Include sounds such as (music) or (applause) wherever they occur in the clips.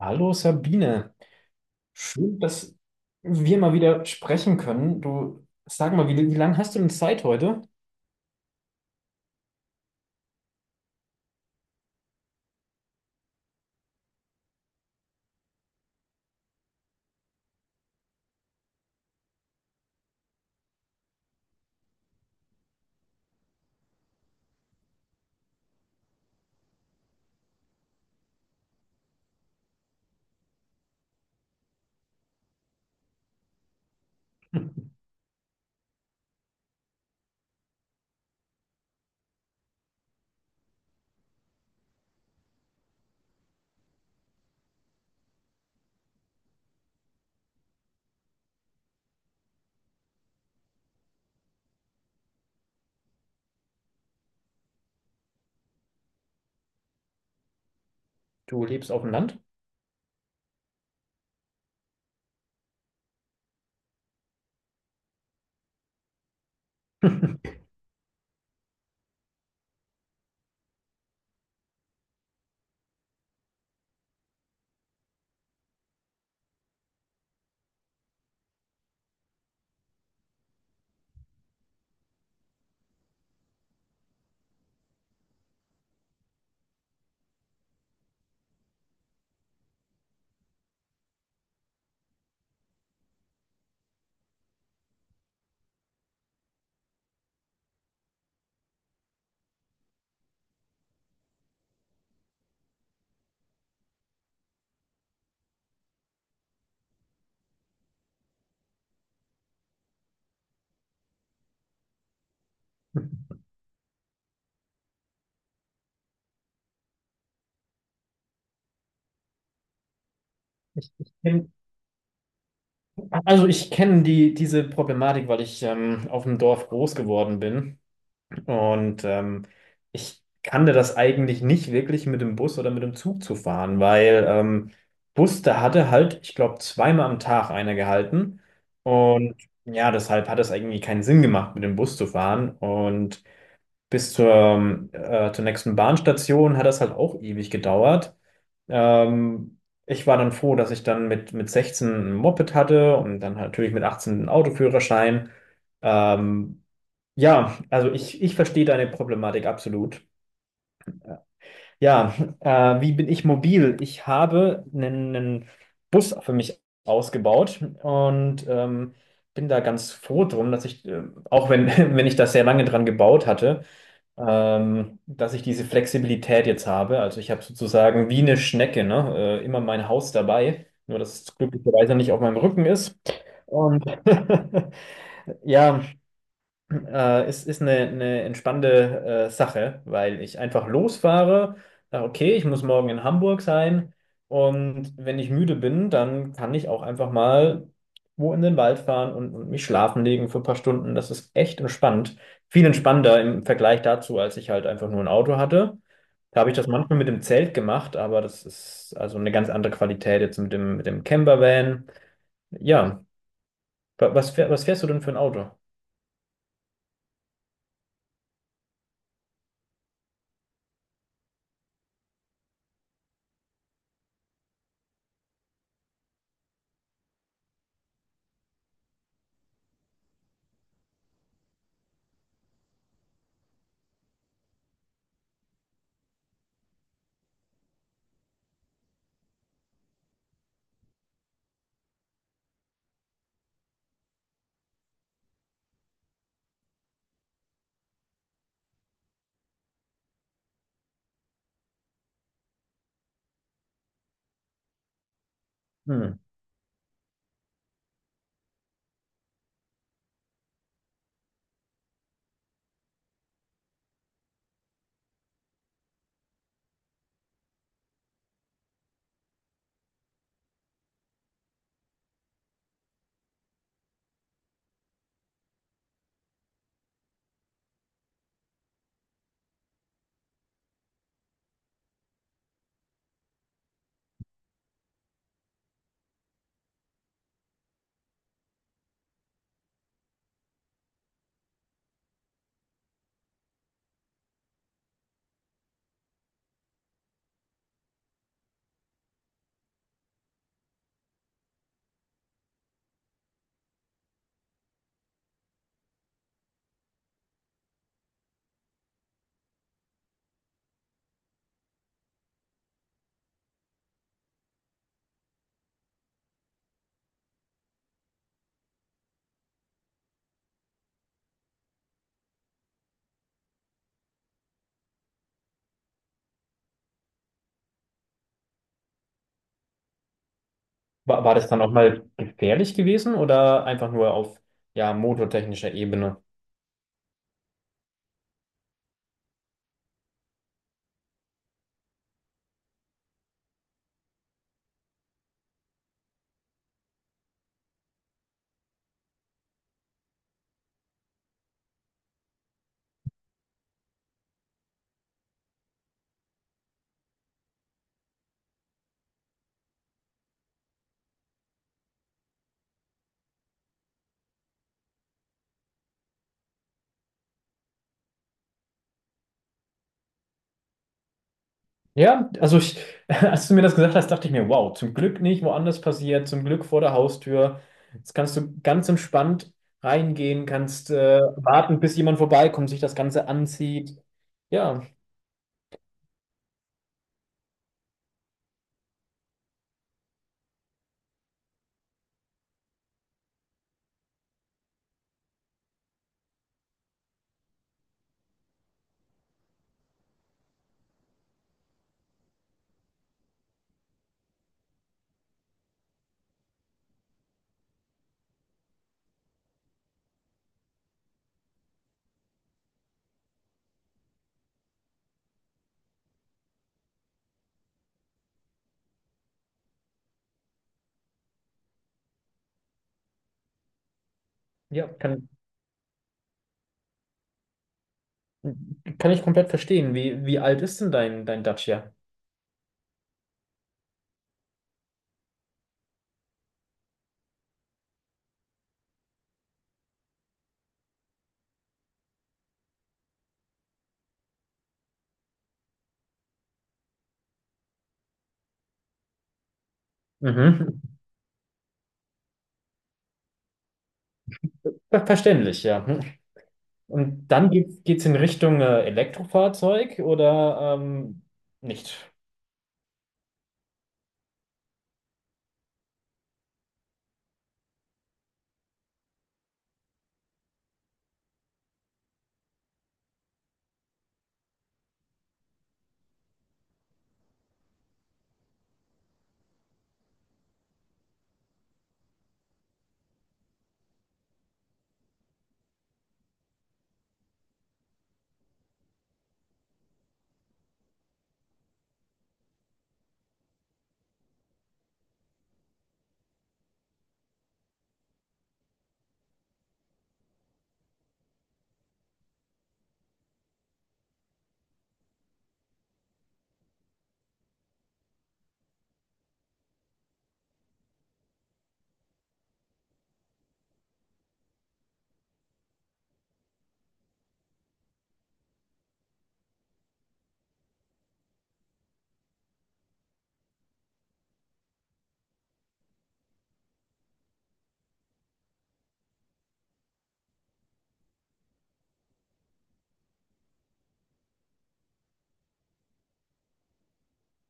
Hallo Sabine, schön, dass wir mal wieder sprechen können. Du, sag mal, wie, wie lange hast du denn Zeit heute? Du lebst auf dem Land? (laughs) Ich, ich kenn, also ich kenne diese Problematik, weil ich auf dem Dorf groß geworden bin. Und ich kannte das eigentlich nicht wirklich mit dem Bus oder mit dem Zug zu fahren, weil Bus, da hatte halt, ich glaube, zweimal am Tag einer gehalten. Und ja, deshalb hat es irgendwie keinen Sinn gemacht, mit dem Bus zu fahren. Und bis zur, zur nächsten Bahnstation hat das halt auch ewig gedauert. Ähm, Ich war dann froh, dass ich dann mit 16 ein Moped hatte und dann natürlich mit 18 einen Autoführerschein. Ähm, ja, also ich verstehe deine Problematik absolut. Ja, wie bin ich mobil? Ich habe einen Bus für mich ausgebaut und bin da ganz froh drum, dass ich, auch wenn, (laughs) wenn ich das sehr lange dran gebaut hatte, dass ich diese Flexibilität jetzt habe. Also ich habe sozusagen wie eine Schnecke, ne? Immer mein Haus dabei, nur dass es glücklicherweise nicht auf meinem Rücken ist. Und (laughs) ja, ist eine entspannende Sache, weil ich einfach losfahre, sage, okay, ich muss morgen in Hamburg sein und wenn ich müde bin, dann kann ich auch einfach mal wo in den Wald fahren und mich schlafen legen für ein paar Stunden. Das ist echt entspannt. Viel entspannter im Vergleich dazu, als ich halt einfach nur ein Auto hatte. Da habe ich das manchmal mit dem Zelt gemacht, aber das ist also eine ganz andere Qualität jetzt mit dem Campervan. Ja, was fährst du denn für ein Auto? Hm. War das dann auch mal gefährlich gewesen oder einfach nur auf ja, motortechnischer Ebene? Ja, also ich, (laughs) als du mir das gesagt hast, dachte ich mir, wow, zum Glück nicht woanders passiert, zum Glück vor der Haustür. Jetzt kannst du ganz entspannt reingehen, kannst warten, bis jemand vorbeikommt, sich das Ganze anzieht. Ja, ja, kann ich komplett verstehen. Wie, wie alt ist denn dein Dacia? Mhm. Verständlich, ja. (laughs) Und dann geht's in Richtung Elektrofahrzeug oder nicht?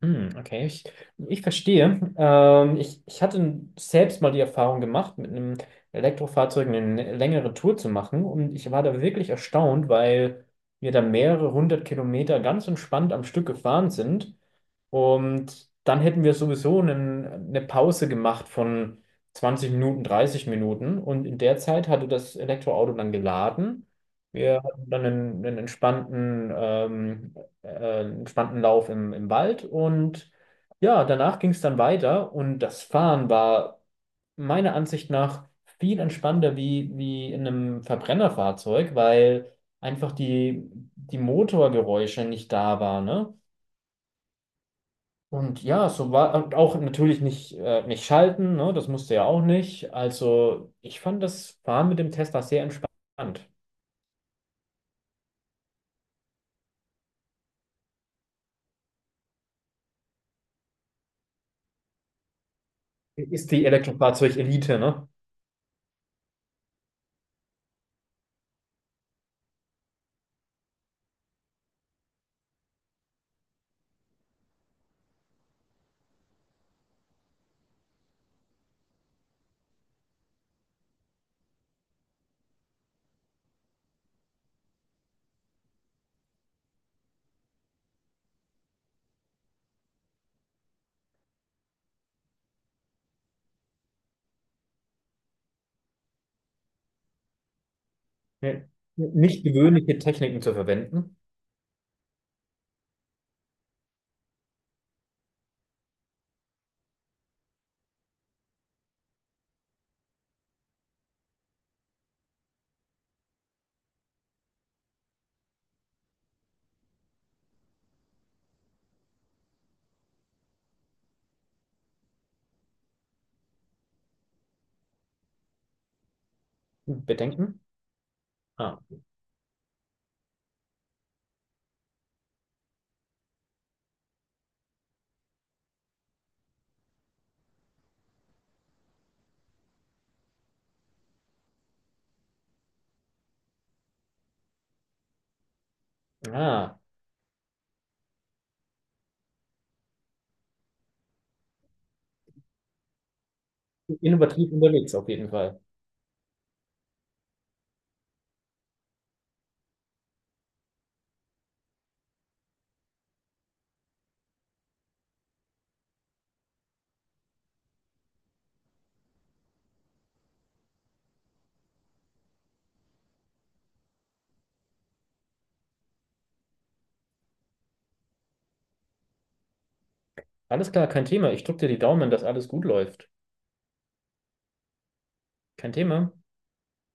Hm, okay, ich verstehe. Ich hatte selbst mal die Erfahrung gemacht, mit einem Elektrofahrzeug eine längere Tour zu machen. Und ich war da wirklich erstaunt, weil wir da mehrere hundert Kilometer ganz entspannt am Stück gefahren sind. Und dann hätten wir sowieso eine Pause gemacht von 20 Minuten, 30 Minuten. Und in der Zeit hatte das Elektroauto dann geladen. Wir hatten dann einen entspannten, entspannten Lauf im, im Wald. Und ja, danach ging es dann weiter. Und das Fahren war meiner Ansicht nach viel entspannter wie, wie in einem Verbrennerfahrzeug, weil einfach die Motorgeräusche nicht da waren, ne? Und ja, so war und auch natürlich nicht, nicht schalten, ne? Das musste ja auch nicht. Also ich fand das Fahren mit dem Tesla sehr entspannt. Ist die Elektrofahrzeug-Elite, ne? Ne- Nicht gewöhnliche Techniken zu verwenden. Bedenken? Ah. Ah. Innovativ unterwegs auf jeden Fall. Alles klar, kein Thema. Ich drücke dir die Daumen, dass alles gut läuft. Kein Thema.